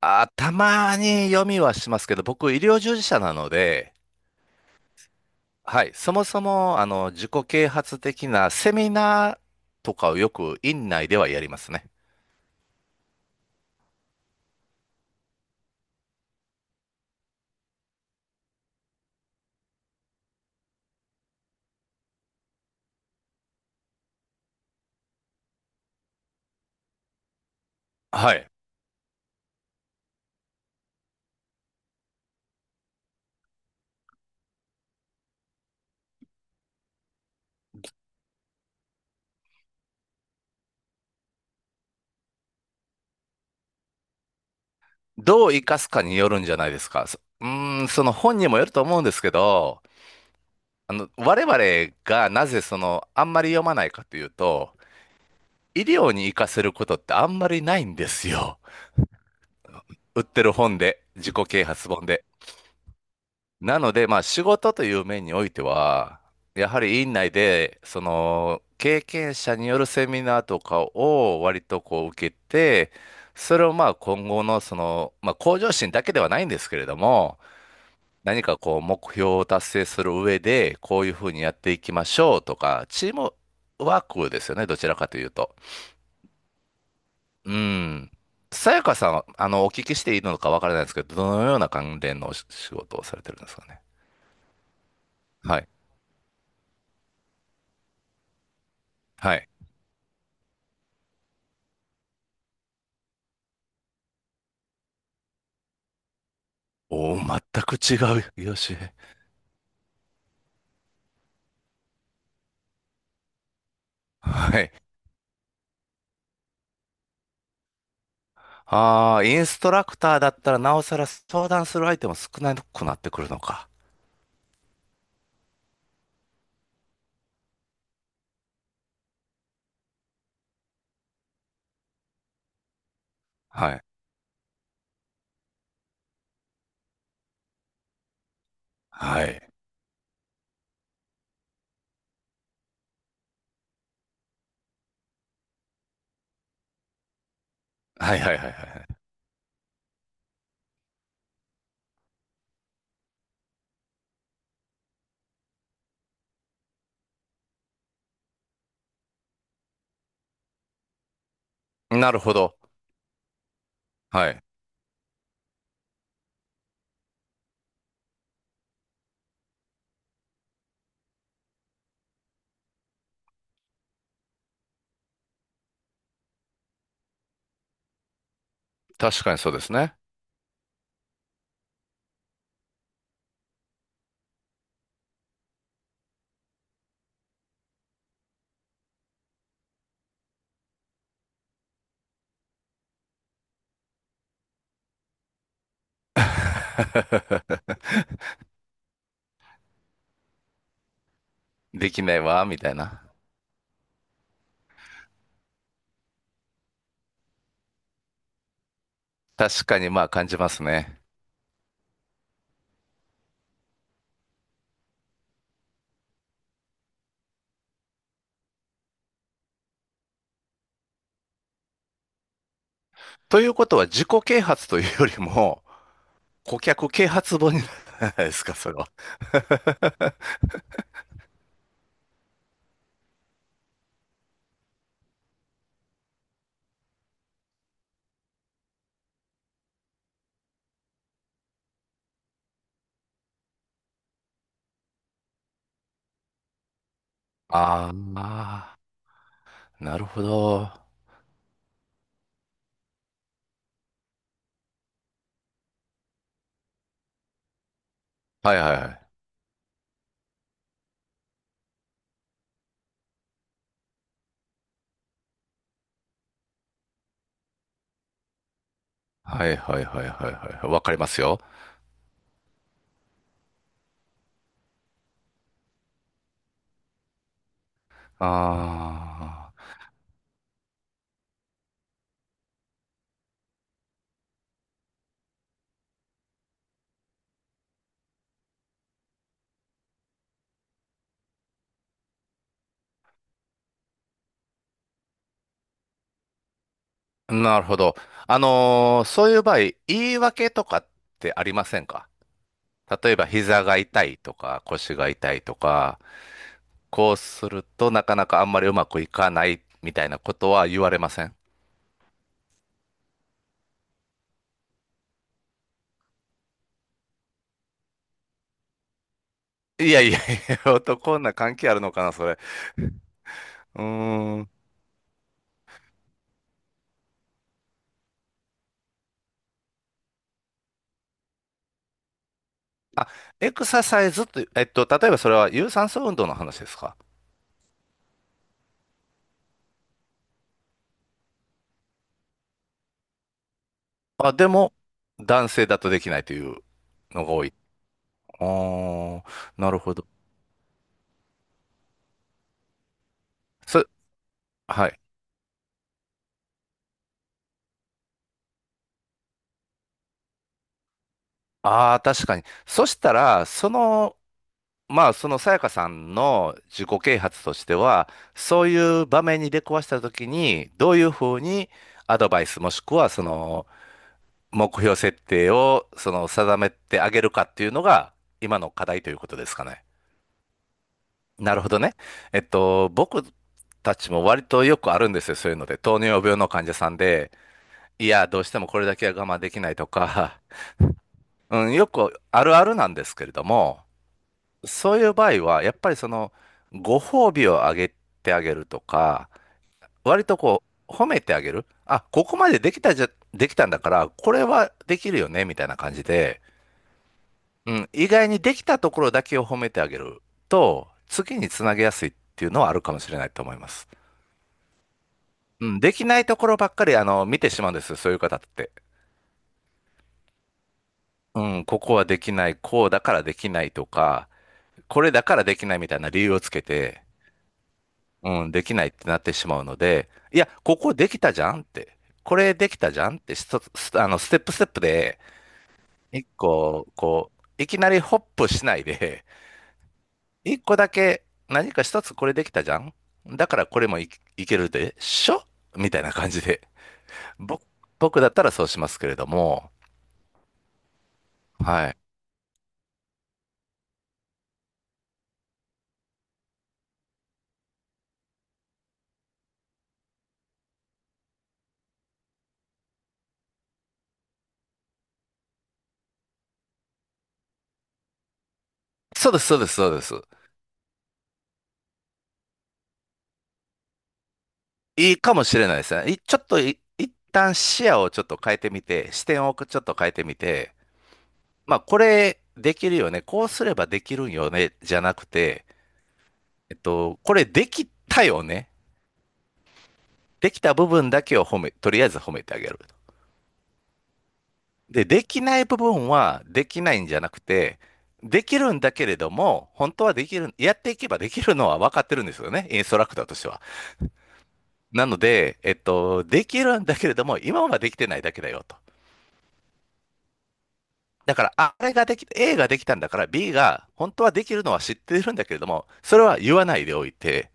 あ、たまに読みはしますけど、僕、医療従事者なので、はい、そもそも、自己啓発的なセミナーとかをよく院内ではやりますね。はい。どう活かすかによるんじゃないですか。そうーん、その本にもよると思うんですけど、我々がなぜその、あんまり読まないかというと、医療に活かせることってあんまりないんですよ。売ってる本で、自己啓発本で。なので、まあ、仕事という面においては、やはり院内で、その、経験者によるセミナーとかを割とこう受けて、それをまあ今後のその、まあ向上心だけではないんですけれども、何かこう目標を達成する上で、こういうふうにやっていきましょうとか、チームワークですよね、どちらかというと。うん。さやかさんは、お聞きしていいのかわからないですけど、どのような関連のお仕事をされてるんですかね。はい。はい。おー全く違う、よし。はい。ああ、インストラクターだったらなおさら相談する相手も少なくなってくるのか。はい。はい。はいはいはいはい。なるほど。はい。確かにそうですね。できないわ、みたいな。確かにまあ感じますね。ということは自己啓発というよりも、顧客啓発本にならないですか、それは。ああ、なるほど。はいはいはい。はいはいはいはいはい。わかりますよ。ああ、なるほど。そういう場合、言い訳とかってありませんか？例えば、膝が痛いとか、腰が痛いとか、こうするとなかなかあんまりうまくいかないみたいなことは言われません？いやいやいや、男な関係あるのかな、それ。うーん。あ、エクササイズって、例えばそれは有酸素運動の話ですか？あ、でも、男性だとできないというのが多い。ああ、なるほど。そ、はい。ああ、確かに。そしたら、その、まあ、そのさやかさんの自己啓発としては、そういう場面に出くわしたときに、どういうふうにアドバイスもしくは、その、目標設定を、その、定めてあげるかっていうのが、今の課題ということですかね。なるほどね。僕たちも割とよくあるんですよ、そういうので。糖尿病の患者さんで、いや、どうしてもこれだけは我慢できないとか、うん、よくあるあるなんですけれども、そういう場合は、やっぱりその、ご褒美をあげてあげるとか、割とこう、褒めてあげる。あ、ここまでできたじゃ、できたんだから、これはできるよね、みたいな感じで、うん、意外にできたところだけを褒めてあげると、次につなげやすいっていうのはあるかもしれないと思います。うん、できないところばっかり、見てしまうんですよ、そういう方って。うん、ここはできない、こうだからできないとか、これだからできないみたいな理由をつけて、うん、できないってなってしまうので、いや、ここできたじゃんって、これできたじゃんって、ストスステップステップで、一個、こう、いきなりホップしないで、一個だけ何か一つこれできたじゃんだからこれいけるでしょみたいな感じで。ぼ僕だったらそうしますけれども、はい。そうです、そうです、そうです。いいかもしれないですね。いちょっとい、一旦視野をちょっと変えてみて、視点をちょっと変えてみて、まあ、これできるよね。こうすればできるんよね。じゃなくて、これできたよね。できた部分だけを褒め、とりあえず褒めてあげる。で、できない部分はできないんじゃなくて、できるんだけれども、本当はできる、やっていけばできるのは分かってるんですよね。インストラクターとしては。なので、できるんだけれども、今はできてないだけだよと。だから、ああれができ、A ができたんだから B が本当はできるのは知ってるんだけれども、それは言わないでおいて、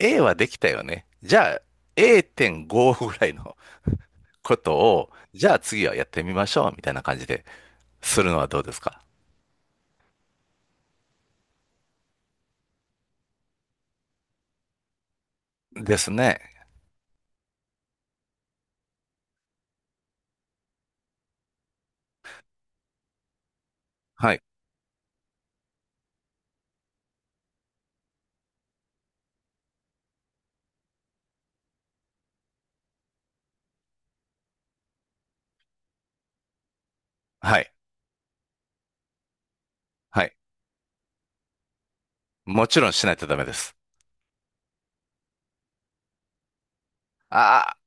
A はできたよね。じゃあ A.5 ぐらいのことを、じゃあ次はやってみましょう、みたいな感じでするのはどうですか？ですね。はい。はい。はい。もちろんしないとダメです。ああ、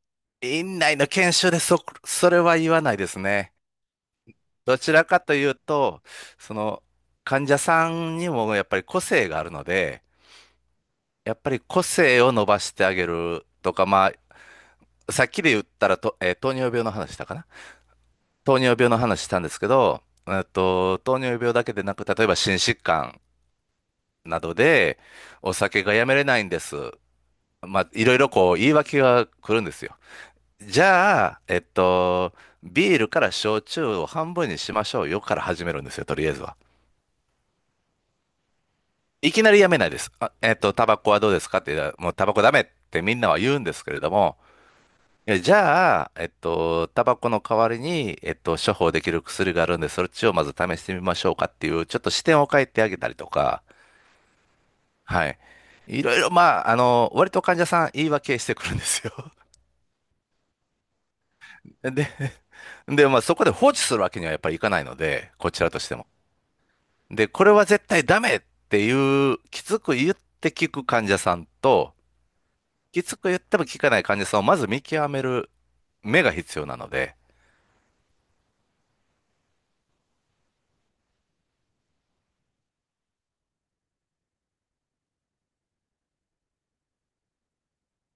院内の研修でそ、それは言わないですね。どちらかというと、その、患者さんにもやっぱり個性があるので、やっぱり個性を伸ばしてあげるとか、まあ、さっきで言ったらと、糖尿病の話したかな？糖尿病の話したんですけど、糖尿病だけでなく、例えば心疾患などで、お酒がやめれないんです。まあ、いろいろこう、言い訳が来るんですよ。じゃあ、ビールから焼酎を半分にしましょうよから始めるんですよ、とりあえずは。いきなりやめないです。タバコはどうですかって言ったら、もうタバコダメってみんなは言うんですけれども、じゃあ、タバコの代わりに、処方できる薬があるんで、そっちをまず試してみましょうかっていう、ちょっと視点を変えてあげたりとか、はい。いろいろ、まあ、割と患者さん言い訳してくるんですよ。で、で、まあ、そこで放置するわけにはやっぱりいかないので、こちらとしても。で、これは絶対ダメっていう、きつく言って聞く患者さんと、きつく言っても聞かない患者さんをまず見極める目が必要なので、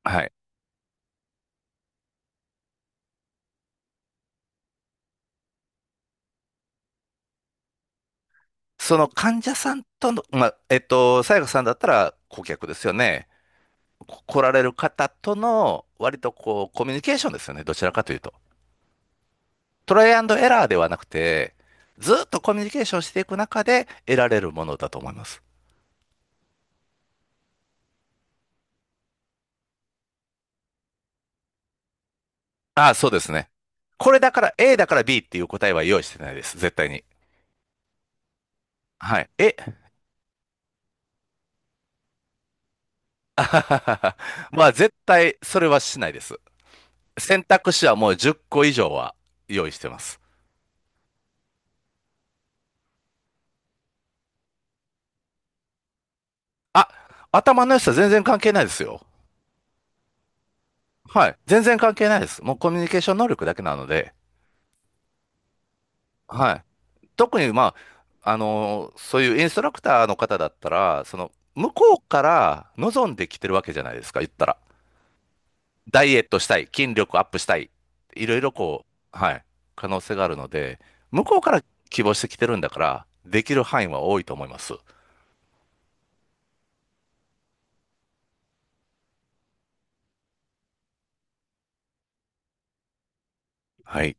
はい。その患者さんとの、まあ、さやかさんだったら顧客ですよね。こ来られる方との割とこうコミュニケーションですよね。どちらかというと。トライアンドエラーではなくて、ずっとコミュニケーションしていく中で得られるものだと思います。ああ、そうですね。これだから A だから B っていう答えは用意してないです。絶対に。はい。え、あははははまあ絶対それはしないです。選択肢はもう10個以上は用意してます。あ、頭の良さ全然関係ないですよ。はい。全然関係ないです。もうコミュニケーション能力だけなので、はい。特に、まあ、そういうインストラクターの方だったら、その、向こうから望んできてるわけじゃないですか、言ったら。ダイエットしたい、筋力アップしたい、いろいろこう、はい、可能性があるので、向こうから希望してきてるんだから、できる範囲は多いと思います。はい。